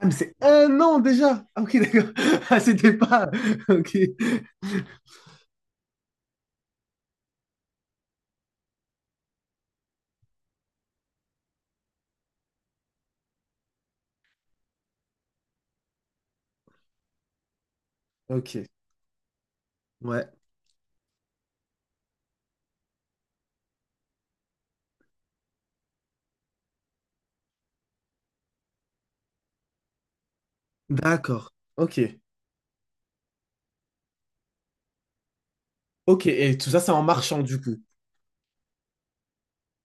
Ah, mais c'est un an déjà! Ah, ok, d'accord. Ah, c'était pas. Ok. Ok. Ouais. D'accord. Ok. Ok. Et tout ça, c'est en marchant, du coup.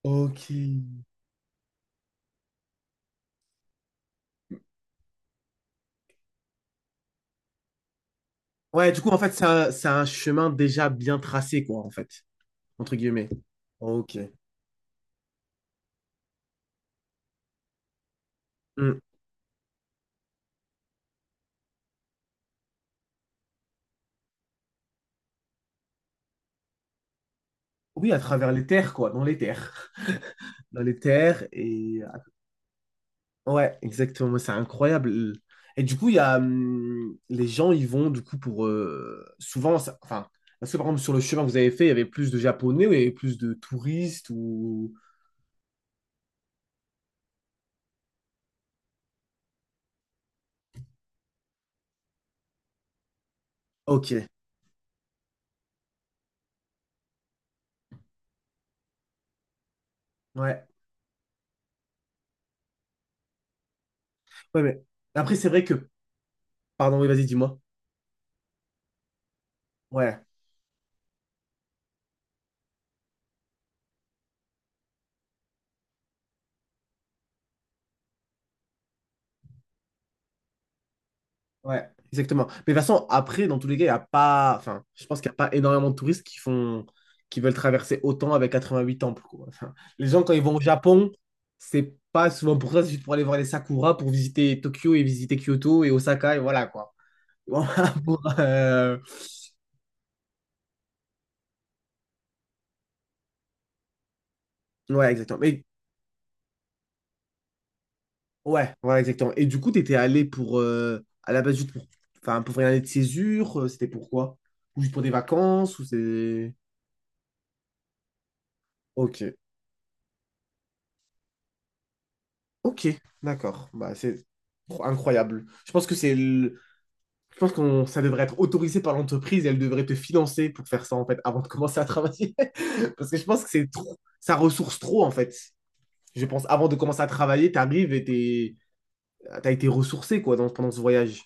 Ok. Ouais, du coup, en fait, c'est un chemin déjà bien tracé, quoi, en fait. Entre guillemets. Ok. Hmm. Oui, à travers les terres, quoi. Dans les terres. Dans les terres. Et ouais, exactement. C'est incroyable. Et du coup, il y a les gens, ils vont du coup pour souvent, enfin, parce que par exemple sur le chemin que vous avez fait, il y avait plus de Japonais ou il y avait plus de touristes ou... Ok, ouais, ouais, mais après c'est vrai que, pardon, oui, vas-y, dis-moi. Ouais. Ouais, exactement. Mais de toute façon, après, dans tous les cas, il y a pas. Enfin, je pense qu'il n'y a pas énormément de touristes qui font... qui veulent traverser autant avec 88 temples, quoi. Enfin, les gens, quand ils vont au Japon, c'est pas souvent pour ça, c'est juste pour aller voir les Sakura, pour visiter Tokyo et visiter Kyoto et Osaka, et voilà, quoi. Voilà. Pour, ouais, exactement. Mais ouais, ouais, exactement. Et du coup, t'étais allé pour à la base juste pour enfin pour faire une année de césure, c'était pourquoi? Ou juste pour des vacances ou c'est... OK. Ok, d'accord. Bah, c'est incroyable. Je pense que je pense qu'on ça devrait être autorisé par l'entreprise et elle devrait te financer pour faire ça en fait avant de commencer à travailler. Parce que je pense que c'est trop ça ressource trop en fait. Je pense avant de commencer à travailler, t'arrives et t'as été ressourcé quoi pendant ce voyage.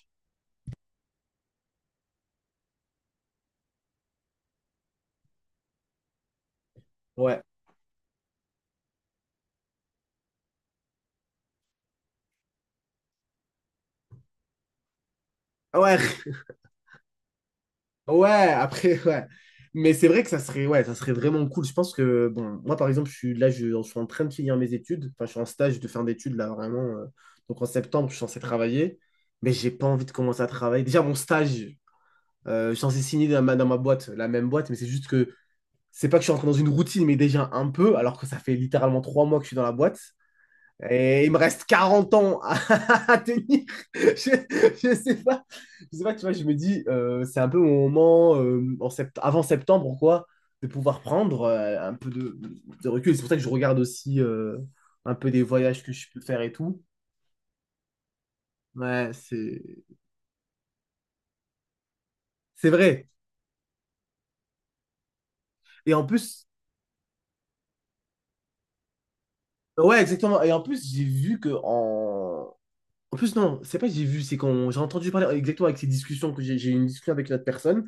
Ouais. Ah ouais, ouais, après, ouais. Mais c'est vrai que ça serait, ouais, ça serait vraiment cool. Je pense que, bon, moi, par exemple, je suis là, je suis en train de finir mes études. Enfin, je suis en stage de fin d'études, là, vraiment. Donc, en septembre, je suis censé travailler. Mais j'ai pas envie de commencer à travailler. Déjà, mon stage, je suis censé signer dans ma boîte, la même boîte. Mais c'est juste que, c'est pas que je suis entré dans une routine, mais déjà un peu, alors que ça fait littéralement 3 mois que je suis dans la boîte. Et il me reste 40 ans à, à tenir. Je sais pas. Je sais pas, tu vois, je me dis, c'est un peu mon moment en avant septembre, quoi, de pouvoir prendre un peu de recul. C'est pour ça que je regarde aussi un peu des voyages que je peux faire et tout. Ouais, c'est vrai. Et en plus, ouais, exactement. Et en plus, j'ai vu que en en plus, non, c'est pas que j'ai vu, c'est quand j'ai entendu parler exactement avec ces discussions, que j'ai eu une discussion avec une autre personne,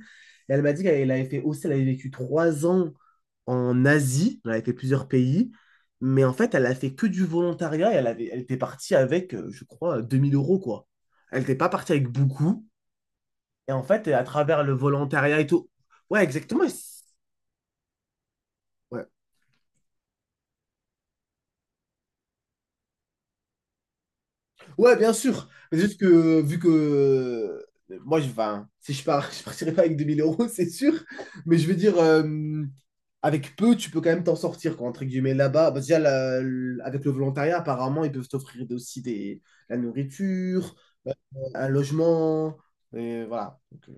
et elle m'a dit qu'elle avait fait aussi, elle avait vécu 3 ans en Asie, elle avait fait plusieurs pays, mais en fait, elle a fait que du volontariat et elle était partie avec, je crois, 2000 euros, quoi. Elle n'était pas partie avec beaucoup, et en fait, à travers le volontariat et tout, ouais, exactement, ouais. Ouais, bien sûr. Mais juste que, vu que enfin, si je pars, je partirai pas avec 2000 euros, c'est sûr. Mais je veux dire, avec peu, tu peux quand même t'en sortir, quoi, entre guillemets, là-bas. Bah, déjà, avec le volontariat, apparemment, ils peuvent t'offrir aussi des, la nourriture, euh, un logement. Et voilà. Donc,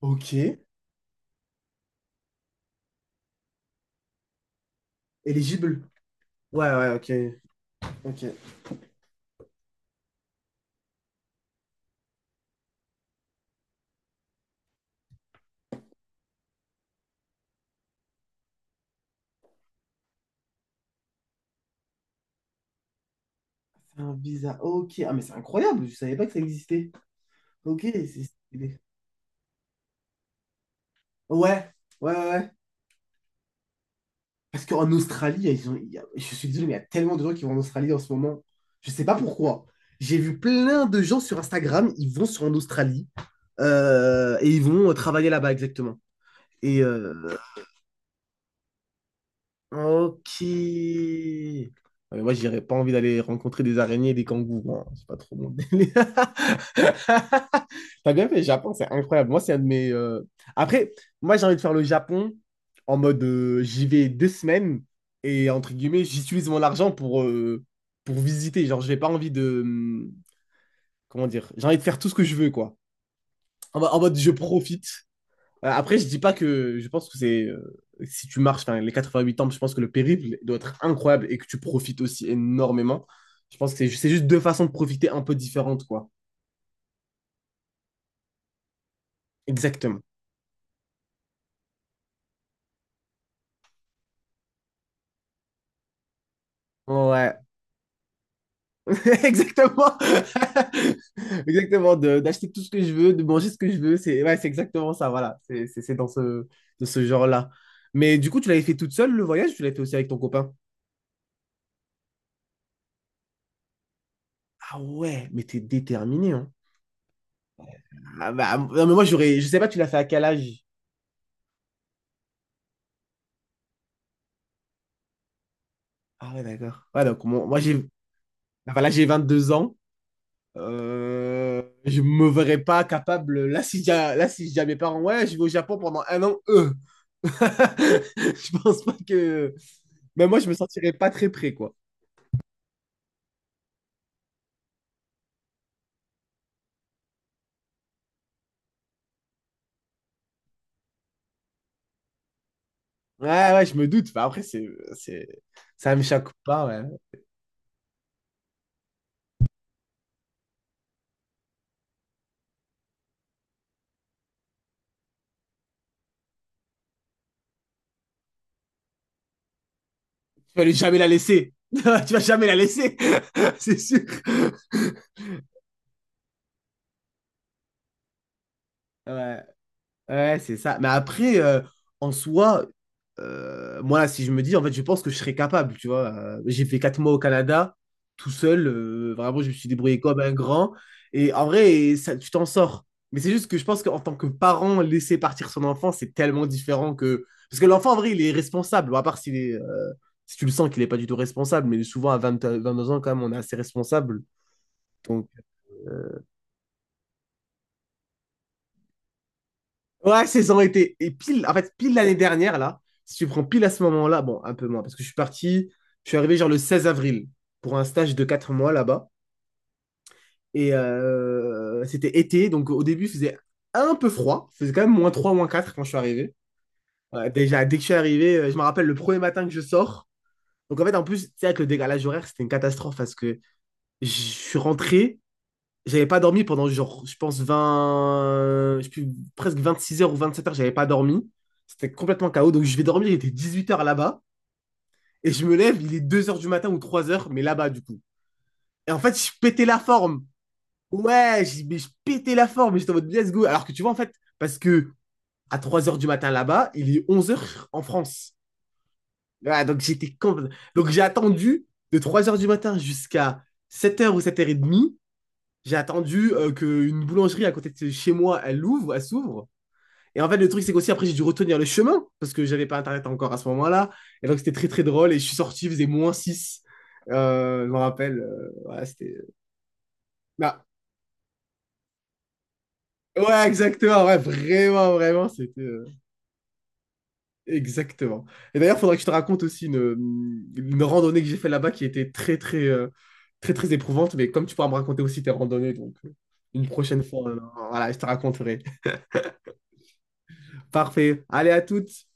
ok. Éligible. Ouais, ouais, ok. Ok. C'est un visa. Ok. Ah, mais c'est incroyable. Je savais pas que ça existait. Ok. Ouais. Ouais, ouais. Ouais. Parce qu'en Australie, ils ont- il y a- je suis désolé, mais il y a tellement de gens qui vont en Australie en ce moment. Je sais pas pourquoi. J'ai vu plein de gens sur Instagram, ils vont sur en Australie et ils vont travailler là-bas exactement. Et ok. Ouais, mais moi, j'aurais pas envie d'aller rencontrer des araignées et des kangourous, hein. C'est pas trop mon délire. T'as bien fait, le Japon, c'est incroyable. Moi, c'est un de mes. Après, moi, j'ai envie de faire le Japon en mode j'y vais 2 semaines et entre guillemets, j'utilise mon argent pour visiter. Genre, j'ai pas envie de. Comment dire? J'ai envie de faire tout ce que je veux, quoi. En, en mode je profite. Après, je dis pas que. Je pense que c'est. Si tu marches, enfin, les 8 ans, je pense que le périple doit être incroyable et que tu profites aussi énormément. Je pense que c'est juste deux façons de profiter un peu différentes, quoi. Exactement. Ouais. Exactement. Exactement. D'acheter tout ce que je veux, de manger ce que je veux. C'est ouais, c'est exactement ça. Voilà. C'est dans ce, de ce genre-là. Mais du coup, tu l'avais fait toute seule le voyage ou tu l'avais fait aussi avec ton copain? Ah ouais, mais t'es déterminé, hein. Ah bah, non, mais moi, j'aurais. Je sais pas, tu l'as fait à quel âge? Ah ouais, d'accord. Ouais, donc, moi, j'ai. Enfin, là, j'ai 22 ans. Je me verrais pas capable. Là, si j'ai à mes parents, ouais, je vais au Japon pendant un an, eux. Je pense pas que. Mais moi, je me sentirais pas très prêt, quoi. Ouais, ouais, je me doute. Bah, après, c'est, ça me choque pas, ouais. Jamais la laisser. Tu vas jamais la laisser, c'est sûr. Ouais. Ouais, c'est ça. Mais après, en soi, moi, là, si je me dis, en fait, je pense que je serais capable, tu vois. J'ai fait 4 mois au Canada, tout seul. Vraiment, je me suis débrouillé comme un grand. Et en vrai, ça, tu t'en sors. Mais c'est juste que je pense qu'en tant que parent, laisser partir son enfant, c'est tellement différent que... Parce que l'enfant, en vrai, il est responsable. Bon, à part s'il est, si tu le sens qu'il n'est pas du tout responsable. Mais souvent, à vingt deux ans, quand même, on est assez responsable. Ouais, saison été. Et pile, en fait, pile l'année dernière, là, si tu prends pile à ce moment-là, bon, un peu moins, parce que je suis arrivé genre le 16 avril pour un stage de 4 mois là-bas. Et c'était été, donc au début, il faisait un peu froid. Il faisait quand même -3, -4 quand je suis arrivé. Ouais, déjà, dès que je suis arrivé, je me rappelle le premier matin que je sors. Donc en fait, en plus, tu sais, avec le décalage horaire, c'était une catastrophe parce que je suis rentré, j'avais pas dormi pendant genre, je pense, 20 je sais plus, presque 6 heures ou 27 heures, j'avais pas dormi. C'était complètement chaos. Donc je vais dormir, il était 8 heures là-bas. Et je me lève, il est 2 heures du matin ou 3 heures, mais là-bas du coup. Et en fait, je pétais la forme. Ouais, mais je pétais la forme. Et j'étais en mode let's go. Alors que tu vois, en fait, parce que à 3 heures du matin là-bas, il est 11 heures en France. Ouais, donc j'ai attendu de 3 heures du matin jusqu'à 7 heures ou 7h30. J'ai attendu qu'une boulangerie à côté de chez moi, elle s'ouvre. Et en fait, le truc, c'est qu'aussi, après, j'ai dû retenir le chemin parce que j'avais pas Internet encore à ce moment-là. Et donc, c'était très, très drôle. Et je suis sorti, il faisait -6, je me rappelle. Voilà, c'était. Bah, ouais, exactement. Ouais, vraiment, vraiment. C'était. Exactement. Et d'ailleurs, faudrait que je te raconte aussi une randonnée que j'ai fait là-bas qui était très, très éprouvante. Mais comme tu pourras me raconter aussi tes randonnées, donc une prochaine fois, voilà, je te raconterai. Parfait. Allez, à toutes.